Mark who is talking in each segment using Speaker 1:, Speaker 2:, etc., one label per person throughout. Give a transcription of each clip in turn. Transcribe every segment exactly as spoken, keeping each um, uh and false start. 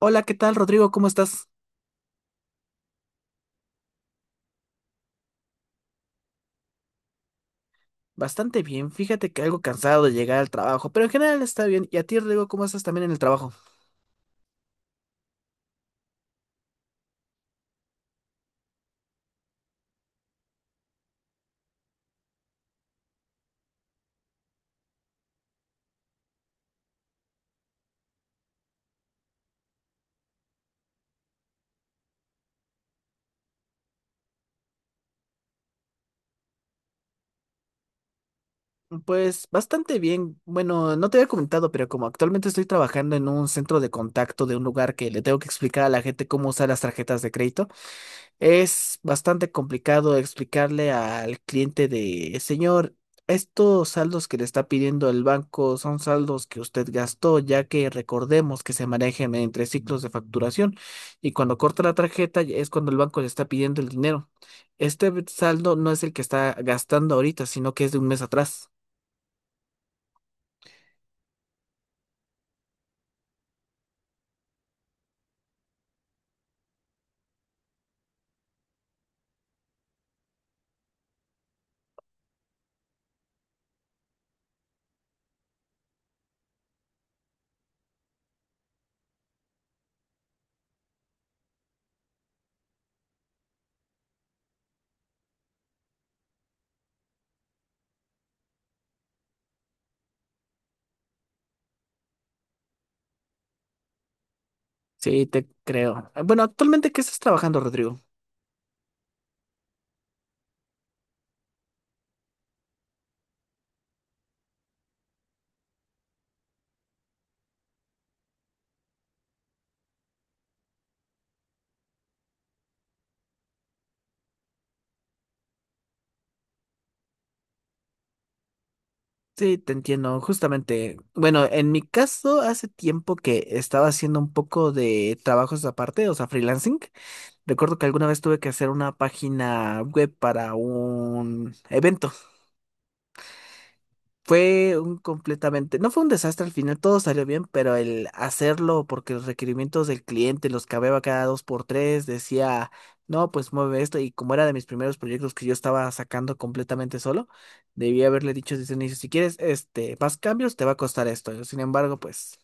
Speaker 1: Hola, ¿qué tal, Rodrigo? ¿Cómo estás? Bastante bien. Fíjate que algo cansado de llegar al trabajo, pero en general está bien. ¿Y a ti, Rodrigo, cómo estás también en el trabajo? Pues bastante bien. Bueno, no te había comentado, pero como actualmente estoy trabajando en un centro de contacto de un lugar que le tengo que explicar a la gente cómo usar las tarjetas de crédito. Es bastante complicado explicarle al cliente de, señor, estos saldos que le está pidiendo el banco son saldos que usted gastó, ya que recordemos que se manejan entre ciclos de facturación y cuando corta la tarjeta ya es cuando el banco le está pidiendo el dinero. Este saldo no es el que está gastando ahorita, sino que es de un mes atrás. Sí, te creo. Bueno, ¿actualmente qué estás trabajando, Rodrigo? Sí, te entiendo, justamente. Bueno, en mi caso, hace tiempo que estaba haciendo un poco de trabajos aparte, o sea, freelancing. Recuerdo que alguna vez tuve que hacer una página web para un evento. Fue un Completamente, no fue un desastre al final, todo salió bien, pero el hacerlo porque los requerimientos del cliente los cambiaba cada dos por tres, decía, no, pues mueve esto, y como era de mis primeros proyectos que yo estaba sacando completamente solo, debía haberle dicho desde el inicio, si quieres este, más cambios, te va a costar esto. Sin embargo, pues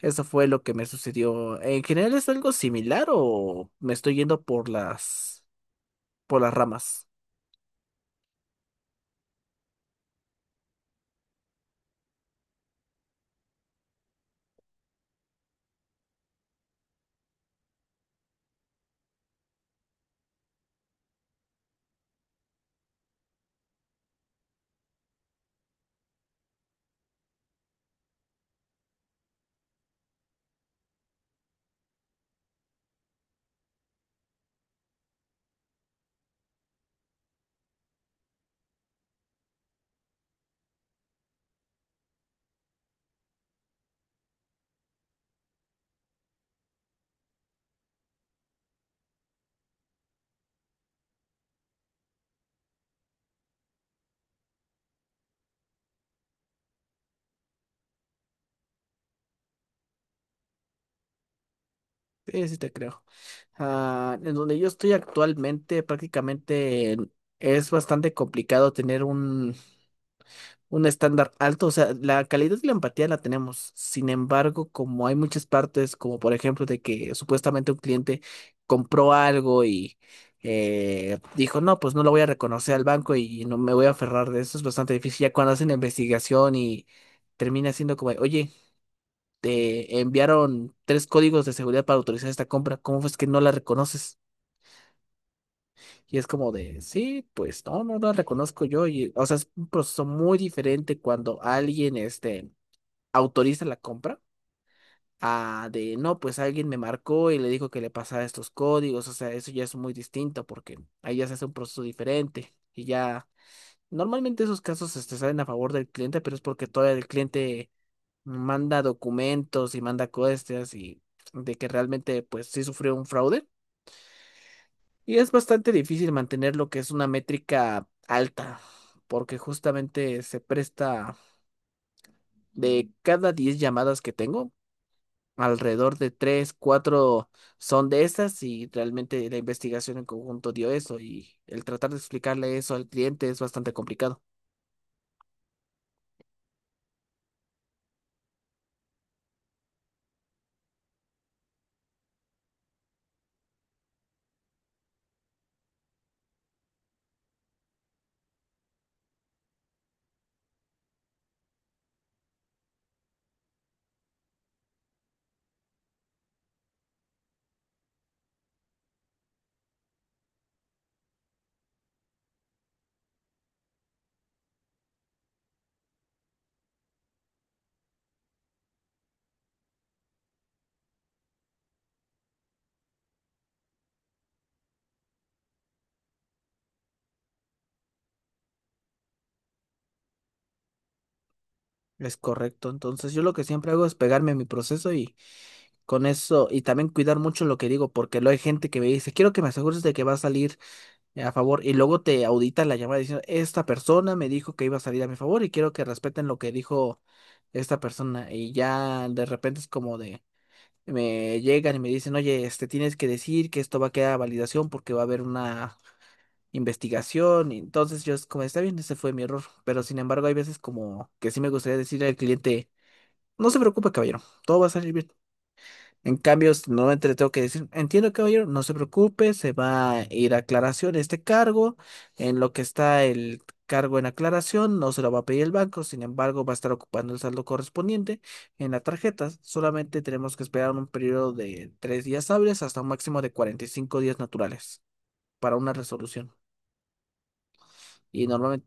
Speaker 1: eso fue lo que me sucedió. ¿En general es algo similar o me estoy yendo por las, por las ramas? Sí, sí te creo. Ah, en donde yo estoy actualmente, prácticamente es bastante complicado tener un, un estándar alto. O sea, la calidad y la empatía la tenemos. Sin embargo, como hay muchas partes, como por ejemplo de que supuestamente un cliente compró algo y eh, dijo, no, pues no lo voy a reconocer al banco y no me voy a aferrar de eso, es bastante difícil. Ya cuando hacen la investigación y termina siendo como, oye, te enviaron tres códigos de seguridad para autorizar esta compra, ¿cómo es que no la reconoces? Y es como de, sí, pues no, no no la reconozco yo. Y, o sea, es un proceso muy diferente cuando alguien, este, autoriza la compra a de, no, pues alguien me marcó y le dijo que le pasara estos códigos. O sea, eso ya es muy distinto porque ahí ya se hace un proceso diferente y ya. Normalmente esos casos este, salen a favor del cliente, pero es porque todavía el cliente manda documentos y manda cosas y de que realmente pues sí sufrió un fraude. Y es bastante difícil mantener lo que es una métrica alta, porque justamente se presta de cada diez llamadas que tengo, alrededor de tres cuatro son de esas, y realmente la investigación en conjunto dio eso y el tratar de explicarle eso al cliente es bastante complicado. Es correcto. Entonces yo lo que siempre hago es pegarme a mi proceso y con eso, y también cuidar mucho lo que digo, porque luego hay gente que me dice, quiero que me asegures de que va a salir a favor, y luego te audita la llamada diciendo, esta persona me dijo que iba a salir a mi favor y quiero que respeten lo que dijo esta persona. Y ya de repente es como de, me llegan y me dicen, oye, este, tienes que decir que esto va a quedar a validación porque va a haber una investigación. Y entonces yo es como, está bien, ese fue mi error, pero sin embargo hay veces como que sí me gustaría decirle al cliente, no se preocupe, caballero, todo va a salir bien. En cambio, nuevamente le tengo que decir, entiendo, caballero, no se preocupe, se va a ir a aclaración este cargo, en lo que está el cargo en aclaración, no se lo va a pedir el banco, sin embargo, va a estar ocupando el saldo correspondiente en la tarjeta. Solamente tenemos que esperar un periodo de tres días hábiles hasta un máximo de cuarenta y cinco días naturales para una resolución. Y normalmente,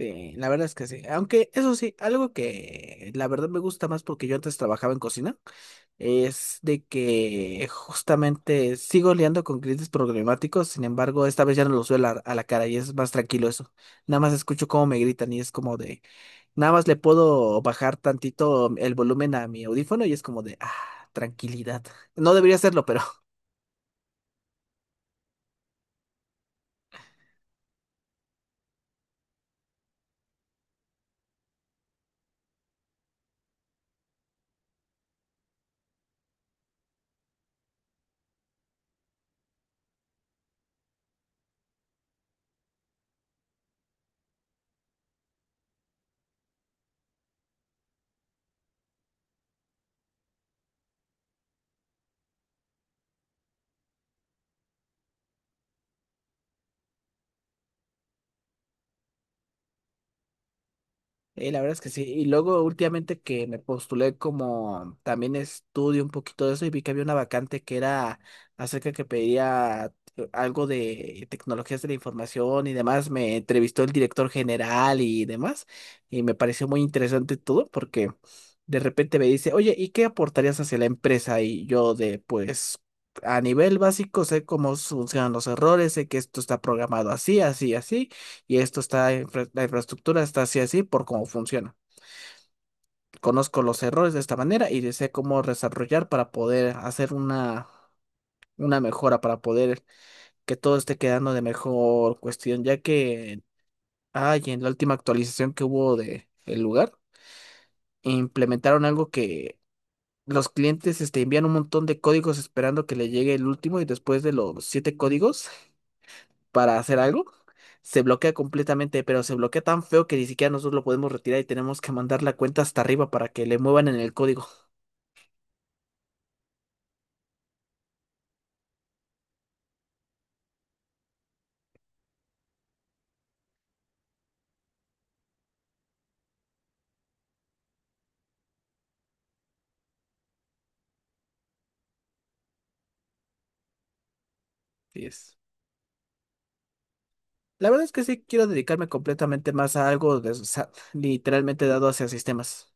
Speaker 1: eh, la verdad es que sí. Aunque eso sí, algo que la verdad me gusta más, porque yo antes trabajaba en cocina. Es de que justamente sigo liando con clientes problemáticos, sin embargo, esta vez ya no los veo a la, a la cara, y es más tranquilo eso. Nada más escucho cómo me gritan y es como de, nada más le puedo bajar tantito el volumen a mi audífono y es como de, ah, tranquilidad. No debería hacerlo, pero... Eh, la verdad es que sí. Y luego últimamente que me postulé, como también estudio un poquito de eso y vi que había una vacante que era acerca, que pedía eh, algo de tecnologías de la información y demás. Me entrevistó el director general y demás y me pareció muy interesante todo, porque de repente me dice, oye, ¿y qué aportarías hacia la empresa? Y yo de, pues a nivel básico sé cómo funcionan los errores, sé que esto está programado así, así, así, y esto está, infra- la infraestructura está así así por cómo funciona. Conozco los errores de esta manera y sé cómo desarrollar para poder hacer una, una mejora, para poder que todo esté quedando de mejor cuestión, ya que, ay, en la última actualización que hubo de el lugar, implementaron algo que los clientes este, envían un montón de códigos esperando que le llegue el último, y después de los siete códigos para hacer algo, se bloquea completamente, pero se bloquea tan feo que ni siquiera nosotros lo podemos retirar y tenemos que mandar la cuenta hasta arriba para que le muevan en el código. Sí es. La verdad es que sí quiero dedicarme completamente más a algo de- o sea, literalmente dado hacia sistemas.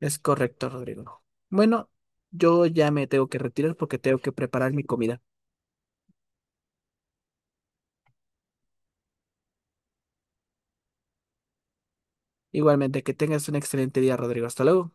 Speaker 1: Es correcto, Rodrigo. Bueno, yo ya me tengo que retirar porque tengo que preparar mi comida. Igualmente, que tengas un excelente día, Rodrigo. Hasta luego.